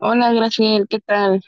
Hola, Graciel, ¿qué tal?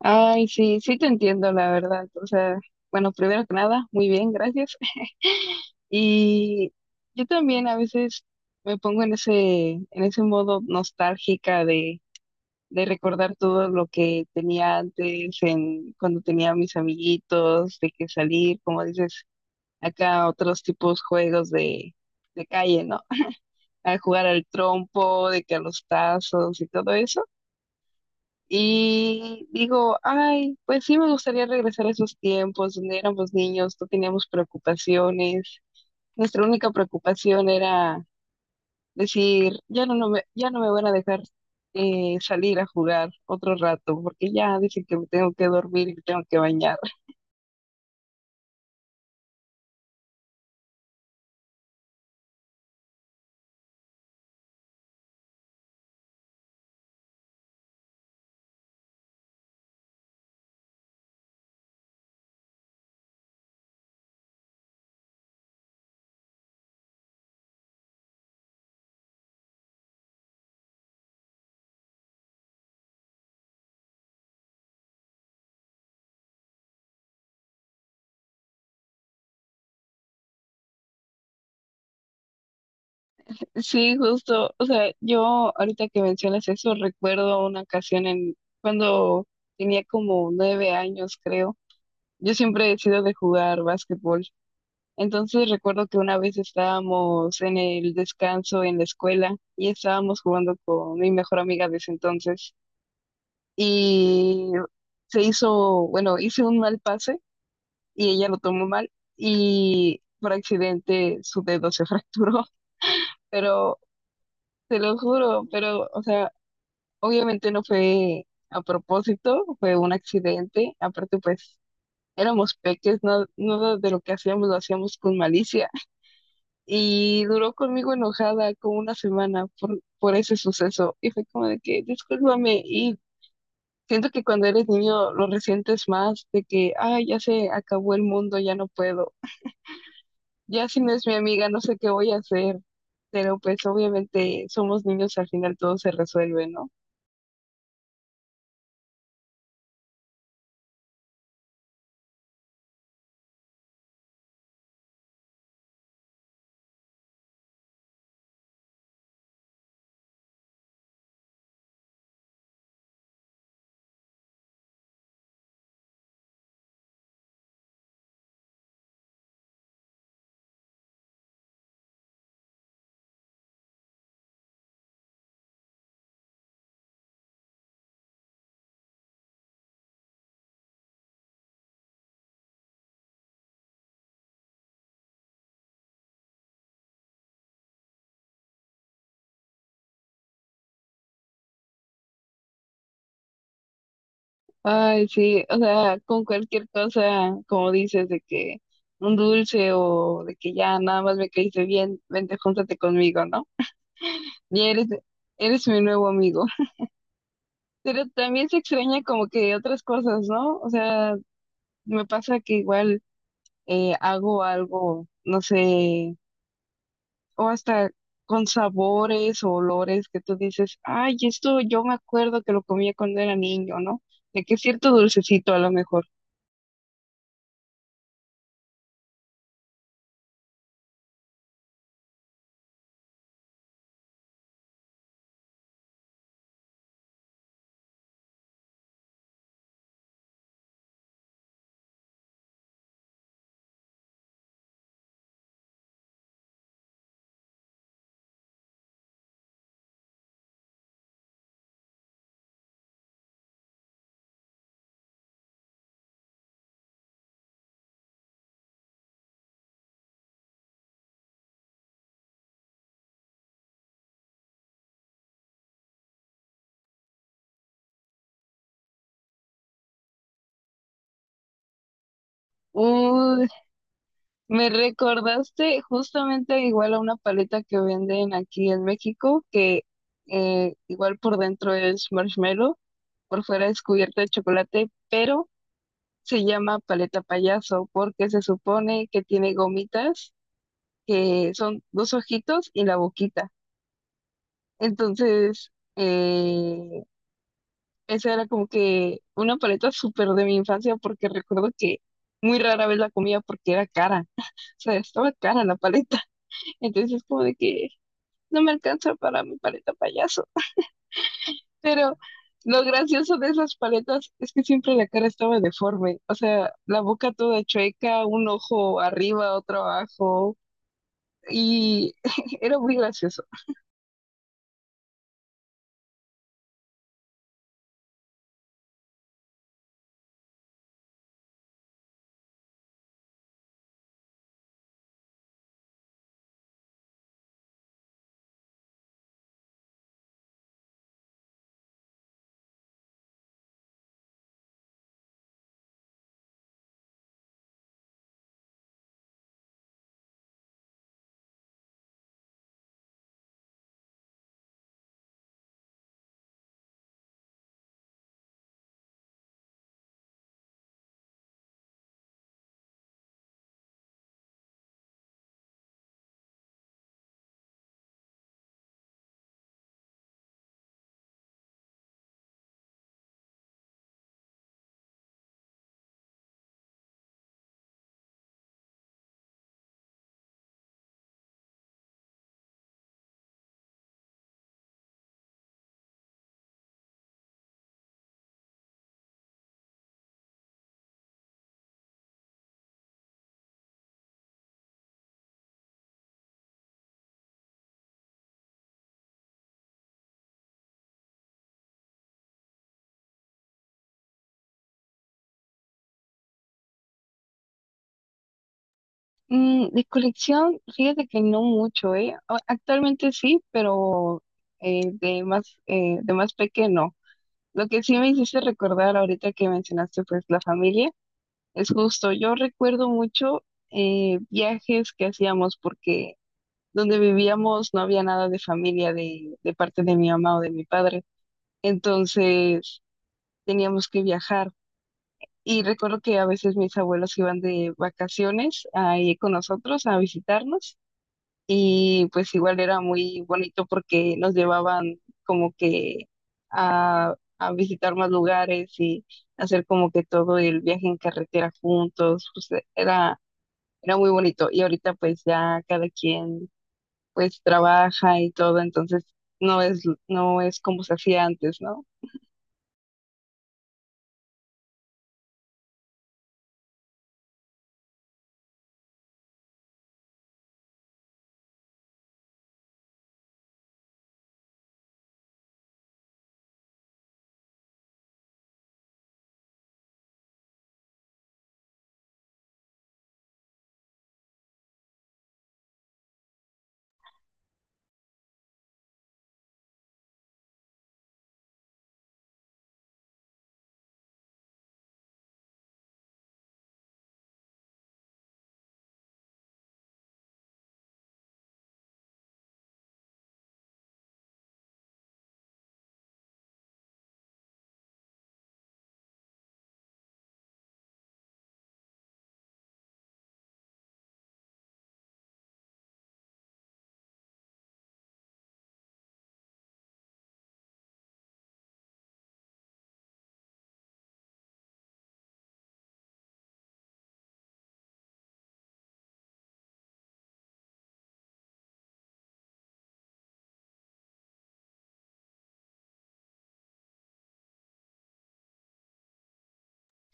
Ay, sí, sí te entiendo, la verdad. O sea, bueno, primero que nada, muy bien, gracias. Y yo también a veces me pongo en ese modo nostálgica de recordar todo lo que tenía antes, en, cuando tenía a mis amiguitos, de que salir, como dices, acá a otros tipos juegos de calle, ¿no? A jugar al trompo, de que a los tazos y todo eso. Y digo, ay, pues sí me gustaría regresar a esos tiempos donde éramos niños, no teníamos preocupaciones. Nuestra única preocupación era decir, ya no, ya no me van a dejar salir a jugar otro rato, porque ya dicen que me tengo que dormir y me tengo que bañar. Sí, justo, o sea, yo ahorita que mencionas eso, recuerdo una ocasión en cuando tenía como 9 años, creo. Yo siempre he sido de jugar básquetbol. Entonces recuerdo que una vez estábamos en el descanso en la escuela y estábamos jugando con mi mejor amiga de ese entonces y se hizo, bueno, hice un mal pase y ella lo tomó mal y por accidente su dedo se fracturó, pero te lo juro, pero o sea, obviamente no fue a propósito, fue un accidente, aparte pues éramos peques, no, nada de lo que hacíamos lo hacíamos con malicia. Y duró conmigo enojada como una semana por ese suceso. Y fue como de que, discúlpame. Y siento que cuando eres niño lo resientes más de que, ay, ya se acabó el mundo, ya no puedo. Ya si no es mi amiga, no sé qué voy a hacer. Pero pues obviamente somos niños, al final todo se resuelve, ¿no? Ay, sí, o sea, con cualquier cosa, como dices, de que un dulce o de que ya nada más me caíste bien, vente, júntate conmigo, ¿no? Ya eres, eres mi nuevo amigo. Pero también se extraña como que otras cosas, ¿no? O sea, me pasa que igual hago algo, no sé, o hasta con sabores o olores que tú dices, ay, esto yo me acuerdo que lo comía cuando era niño, ¿no? De que cierto dulcecito a lo mejor. Uy, me recordaste justamente igual a una paleta que venden aquí en México, que igual por dentro es marshmallow, por fuera es cubierta de chocolate, pero se llama paleta payaso porque se supone que tiene gomitas que son dos ojitos y la boquita. Entonces, esa era como que una paleta súper de mi infancia porque recuerdo que muy rara vez la comía porque era cara. O sea, estaba cara la paleta. Entonces, como de que no me alcanza para mi paleta payaso. Pero lo gracioso de esas paletas es que siempre la cara estaba deforme, o sea, la boca toda chueca, un ojo arriba, otro abajo, y era muy gracioso. Mm, de colección, fíjate que no mucho, ¿eh? A- Actualmente sí, pero de más pequeño. Lo que sí me hiciste recordar ahorita que mencionaste pues la familia, es justo, yo recuerdo mucho viajes que hacíamos porque donde vivíamos no había nada de familia de parte de mi mamá o de mi padre. Entonces teníamos que viajar. Y recuerdo que a veces mis abuelos iban de vacaciones ahí con nosotros a visitarnos. Y pues igual era muy bonito porque nos llevaban como que a visitar más lugares y hacer como que todo el viaje en carretera juntos. Pues era, era muy bonito. Y ahorita pues ya cada quien pues trabaja y todo, entonces no es, no es como se hacía antes, ¿no?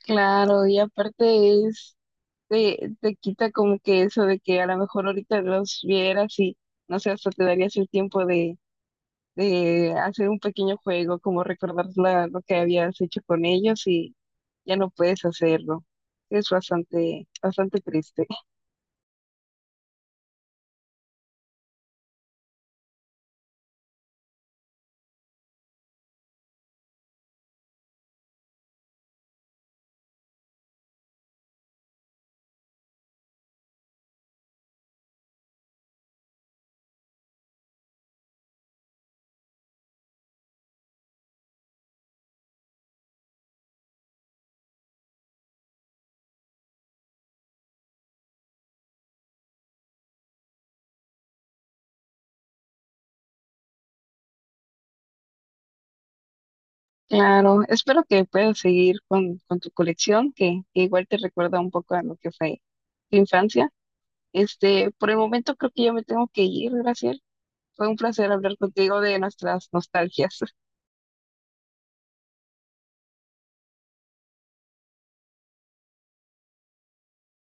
Claro, y aparte es, te quita como que eso de que a lo mejor ahorita los vieras y no sé, hasta te darías el tiempo de hacer un pequeño juego, como recordar lo que habías hecho con ellos y ya no puedes hacerlo. Es bastante, bastante triste. Claro, espero que puedas seguir con tu colección, que igual te recuerda un poco a lo que fue tu infancia. Este, por el momento creo que yo me tengo que ir, Graciela. Fue un placer hablar contigo de nuestras nostalgias.